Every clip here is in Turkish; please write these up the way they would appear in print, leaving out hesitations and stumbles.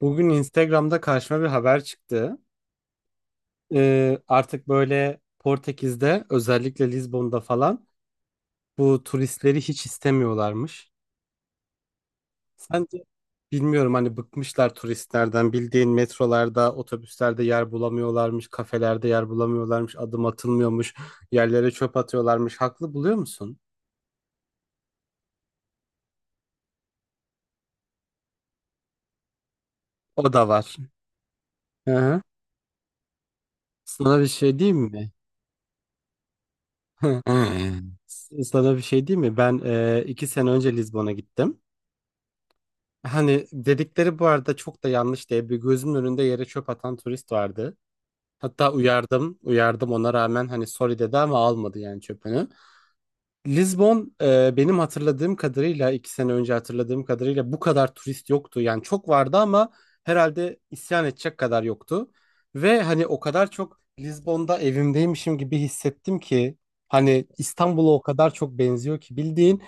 Bugün Instagram'da karşıma bir haber çıktı. Artık böyle Portekiz'de özellikle Lizbon'da falan bu turistleri hiç istemiyorlarmış. Sence bilmiyorum, hani bıkmışlar turistlerden, bildiğin metrolarda, otobüslerde yer bulamıyorlarmış, kafelerde yer bulamıyorlarmış, adım atılmıyormuş, yerlere çöp atıyorlarmış. Haklı buluyor musun? O da var. Hı hı. Sana bir şey diyeyim mi? Sana bir şey diyeyim mi? Ben iki sene önce Lizbon'a gittim. Hani dedikleri bu arada çok da yanlış diye, bir gözümün önünde yere çöp atan turist vardı. Hatta uyardım, uyardım, ona rağmen hani sorry dedi ama almadı yani çöpünü. Lizbon benim hatırladığım kadarıyla, iki sene önce hatırladığım kadarıyla bu kadar turist yoktu. Yani çok vardı ama herhalde isyan edecek kadar yoktu. Ve hani o kadar çok Lizbon'da evimdeymişim gibi hissettim ki, hani İstanbul'a o kadar çok benziyor ki, bildiğin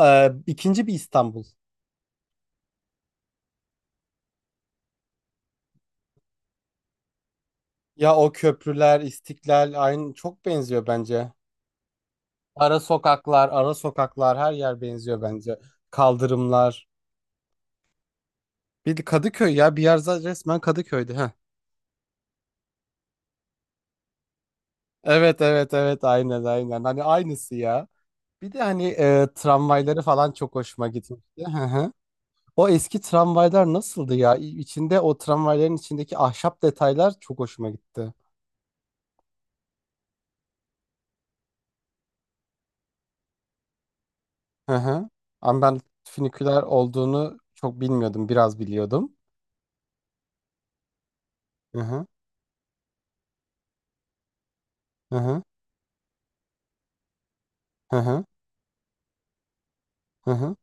ikinci bir İstanbul. Ya o köprüler, İstiklal aynı, çok benziyor bence. Ara sokaklar, ara sokaklar her yer benziyor bence. Kaldırımlar. Bir de Kadıköy, ya bir yer resmen Kadıköy'dü ha. Evet evet evet, aynen aynen. Hani aynısı ya. Bir de hani tramvayları falan çok hoşuma gitmişti. Hı hı. O eski tramvaylar nasıldı ya? İçinde, o tramvayların içindeki ahşap detaylar çok hoşuma gitti. Hı hı. Ama ben füniküler olduğunu çok bilmiyordum. Biraz biliyordum. Hı hı. Hı hı. Hı hı. Hı hı.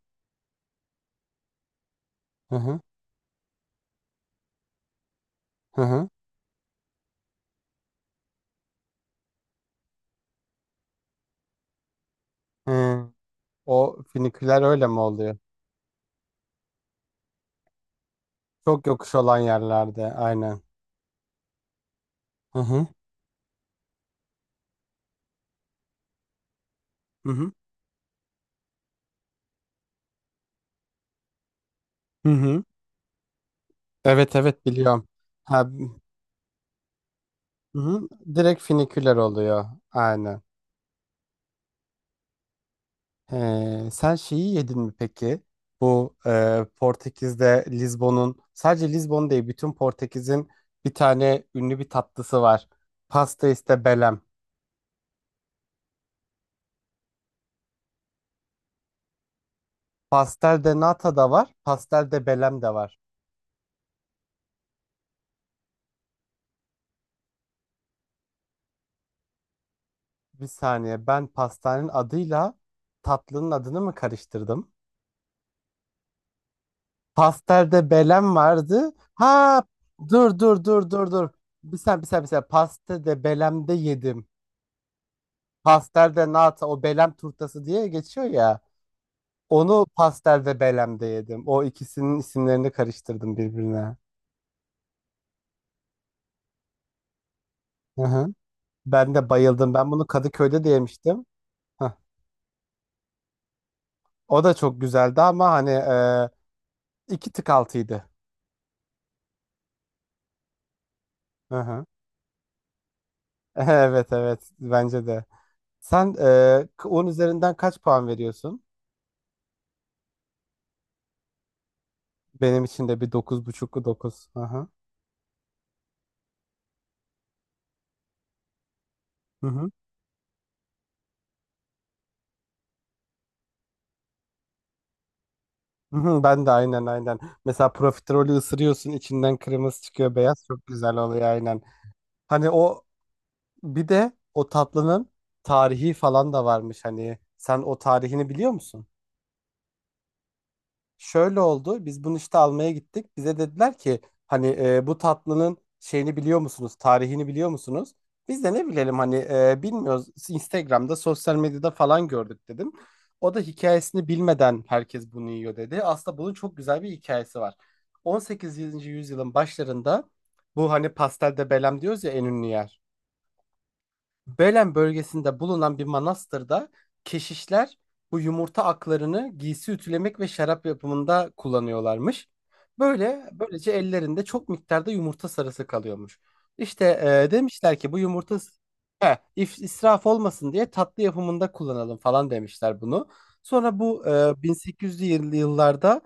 Hı hı. Hı hı. Hı. O finiküler öyle mi oluyor? Çok yokuş olan yerlerde aynen. Hı hı. Hı hı. Hı hı. Evet evet biliyorum. Ha, hı hı. Direkt finiküler oluyor. Aynen. Sen şeyi yedin mi peki? Bu Portekiz'de Lizbon'un, sadece Lizbon değil bütün Portekiz'in, bir tane ünlü bir tatlısı var. Pasta iste belem. Pastel de nata da var. Pastel de belem de var. Bir saniye, ben pastanenin adıyla tatlının adını mı karıştırdım? Pasterde Belen vardı. Ha, dur dur dur dur dur. Bir saniye, bir saniye, bir saniye. Pastede Belem'de yedim. Pasterde nata o Belem turtası diye geçiyor ya. Onu pasterde Belem'de yedim. O ikisinin isimlerini karıştırdım birbirine. Hı hı. Ben de bayıldım. Ben bunu Kadıköy'de de yemiştim. Hah. O da çok güzeldi ama hani iki tık altıydı. Hı hı. Evet evet, bence de. Sen 10 üzerinden kaç puan veriyorsun? Benim için de bir 9,5'lu 9. Aha. Hı hı. Hı hı, hı, ben de aynen aynen. Mesela profiterolü ısırıyorsun, içinden kırmızı çıkıyor, beyaz, çok güzel oluyor aynen. Hani o, bir de o tatlının tarihi falan da varmış hani. Sen o tarihini biliyor musun? Şöyle oldu. Biz bunu işte almaya gittik. Bize dediler ki hani bu tatlının şeyini biliyor musunuz? Tarihini biliyor musunuz? Biz de ne bilelim hani, bilmiyoruz. Instagram'da, sosyal medyada falan gördük dedim. O da hikayesini bilmeden herkes bunu yiyor dedi. Aslında bunun çok güzel bir hikayesi var. 18. yüzyılın başlarında, bu hani pastel de Belem diyoruz ya, en ünlü yer. Belen bölgesinde bulunan bir manastırda keşişler bu yumurta aklarını giysi ütülemek ve şarap yapımında kullanıyorlarmış. Böyle, böylece ellerinde çok miktarda yumurta sarısı kalıyormuş. İşte demişler ki bu yumurta, israf olmasın diye tatlı yapımında kullanalım falan demişler bunu. Sonra bu 1800'lü yıllarda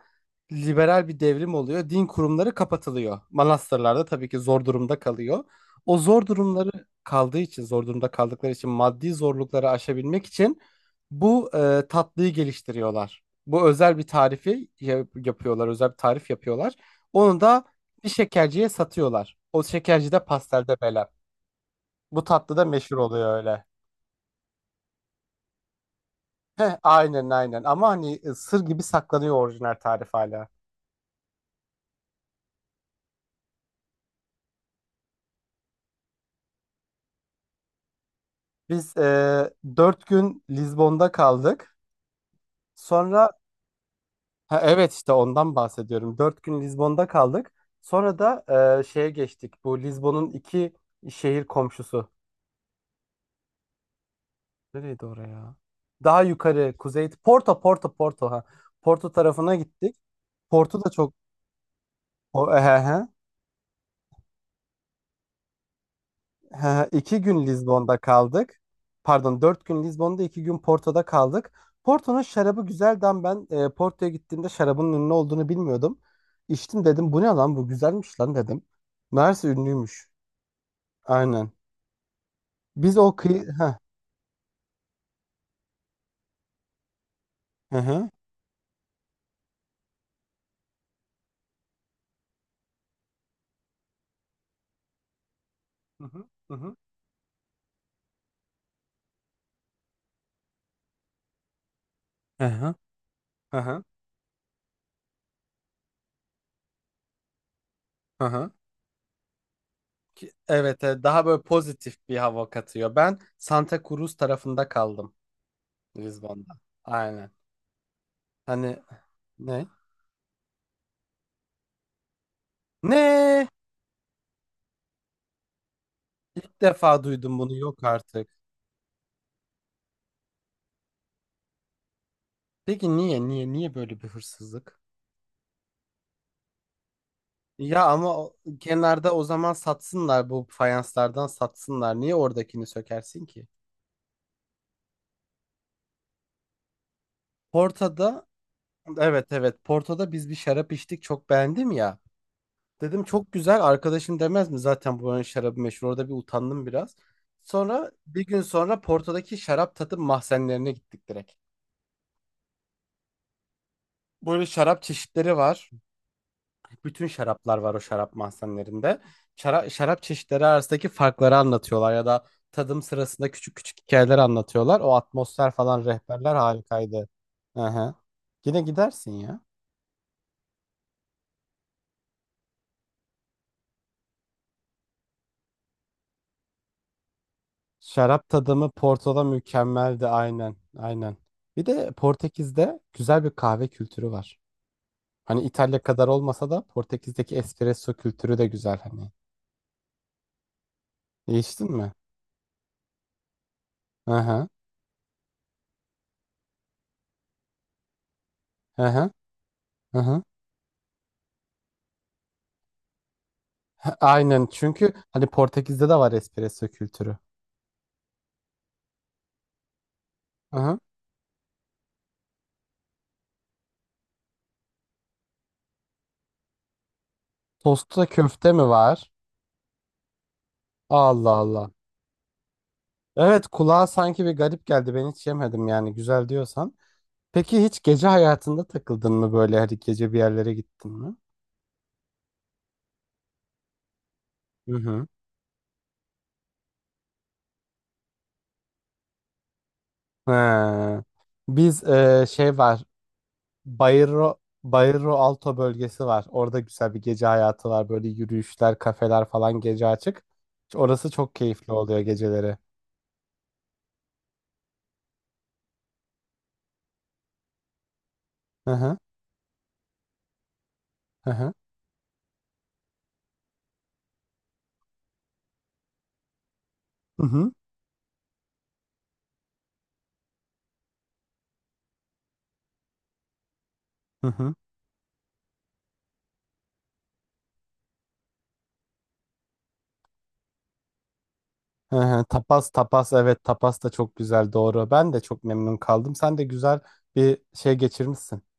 liberal bir devrim oluyor. Din kurumları kapatılıyor. Manastırlarda tabii ki zor durumda kalıyor. O zor durumları kaldığı için, zor durumda kaldıkları için, maddi zorlukları aşabilmek için bu tatlıyı geliştiriyorlar. Bu özel bir tarifi yapıyorlar, özel bir tarif yapıyorlar. Onu da bir şekerciye satıyorlar. O şekerci de pastelde bela. Bu tatlı da meşhur oluyor öyle. Heh, aynen aynen, ama hani sır gibi saklanıyor orijinal tarif hala. Biz 4 gün Lizbon'da kaldık. Sonra Ha, evet işte ondan bahsediyorum. Dört gün Lizbon'da kaldık. Sonra da şeye geçtik. Bu Lizbon'un iki şehir komşusu. Nereydi oraya? Daha yukarı kuzey. Porto, Porto, Porto. Ha. Porto tarafına gittik. Porto da çok... O, he, iki gün Lizbon'da kaldık. Pardon, dört gün Lizbon'da, iki gün Porto'da kaldık. Porto'nun şarabı güzeldi ama ben Porto'ya gittiğimde şarabın ünlü olduğunu bilmiyordum. İçtim, dedim bu ne lan, bu güzelmiş lan dedim. Meğerse ünlüymüş. Aynen. Biz o kıyı... Heh. Hı hı. Hı hı, hı hı. Hı hı. Hı hı. Hı hı. Ki- Evet, daha böyle pozitif bir hava katıyor. Ben Santa Cruz tarafında kaldım Lizbon'da. Aynen. Hani ne? Ne? İlk defa duydum bunu. Yok artık. Peki niye? Niye? Niye böyle bir hırsızlık? Ya ama o- kenarda o zaman satsınlar, bu fayanslardan satsınlar. Niye oradakini sökersin ki? Porto'da, evet evet, Porto'da biz bir şarap içtik, çok beğendim ya. Dedim çok güzel, arkadaşım demez mi zaten buranın şarabı meşhur, orada bir utandım biraz. Sonra bir gün sonra Porto'daki şarap tadım mahzenlerine gittik direkt. Böyle şarap çeşitleri var. Bütün şaraplar var o şarap mahzenlerinde. Şarap çeşitleri arasındaki farkları anlatıyorlar ya da tadım sırasında küçük küçük hikayeler anlatıyorlar. O atmosfer falan, rehberler harikaydı. Hı hı. Yine gidersin ya. Şarap tadımı Porto'da mükemmeldi aynen. Aynen. Bir de Portekiz'de güzel bir kahve kültürü var. Hani İtalya kadar olmasa da Portekiz'deki espresso kültürü de güzel hani. Değiştin mi? Hı hı. Hı hı. Hı hı. Ha, aynen, çünkü hani Portekiz'de de var espresso kültürü. Hı hı. Tosta köfte mi var? Allah Allah. Evet, kulağa sanki bir garip geldi. Ben hiç yemedim yani, güzel diyorsan. Peki hiç gece hayatında takıldın mı böyle? Hani gece bir yerlere gittin mi? Hı hı. He. Biz şey var. Bayro Bayro Alto bölgesi var. Orada güzel bir gece hayatı var. Böyle yürüyüşler, kafeler falan gece açık. Orası çok keyifli oluyor geceleri. Hı hı. Hı hı. Hı hı. Hı hı. Hı hı. Tapas, tapas, evet, tapas da çok güzel, doğru. Ben de çok memnun kaldım. Sen de güzel bir şey geçirmişsin.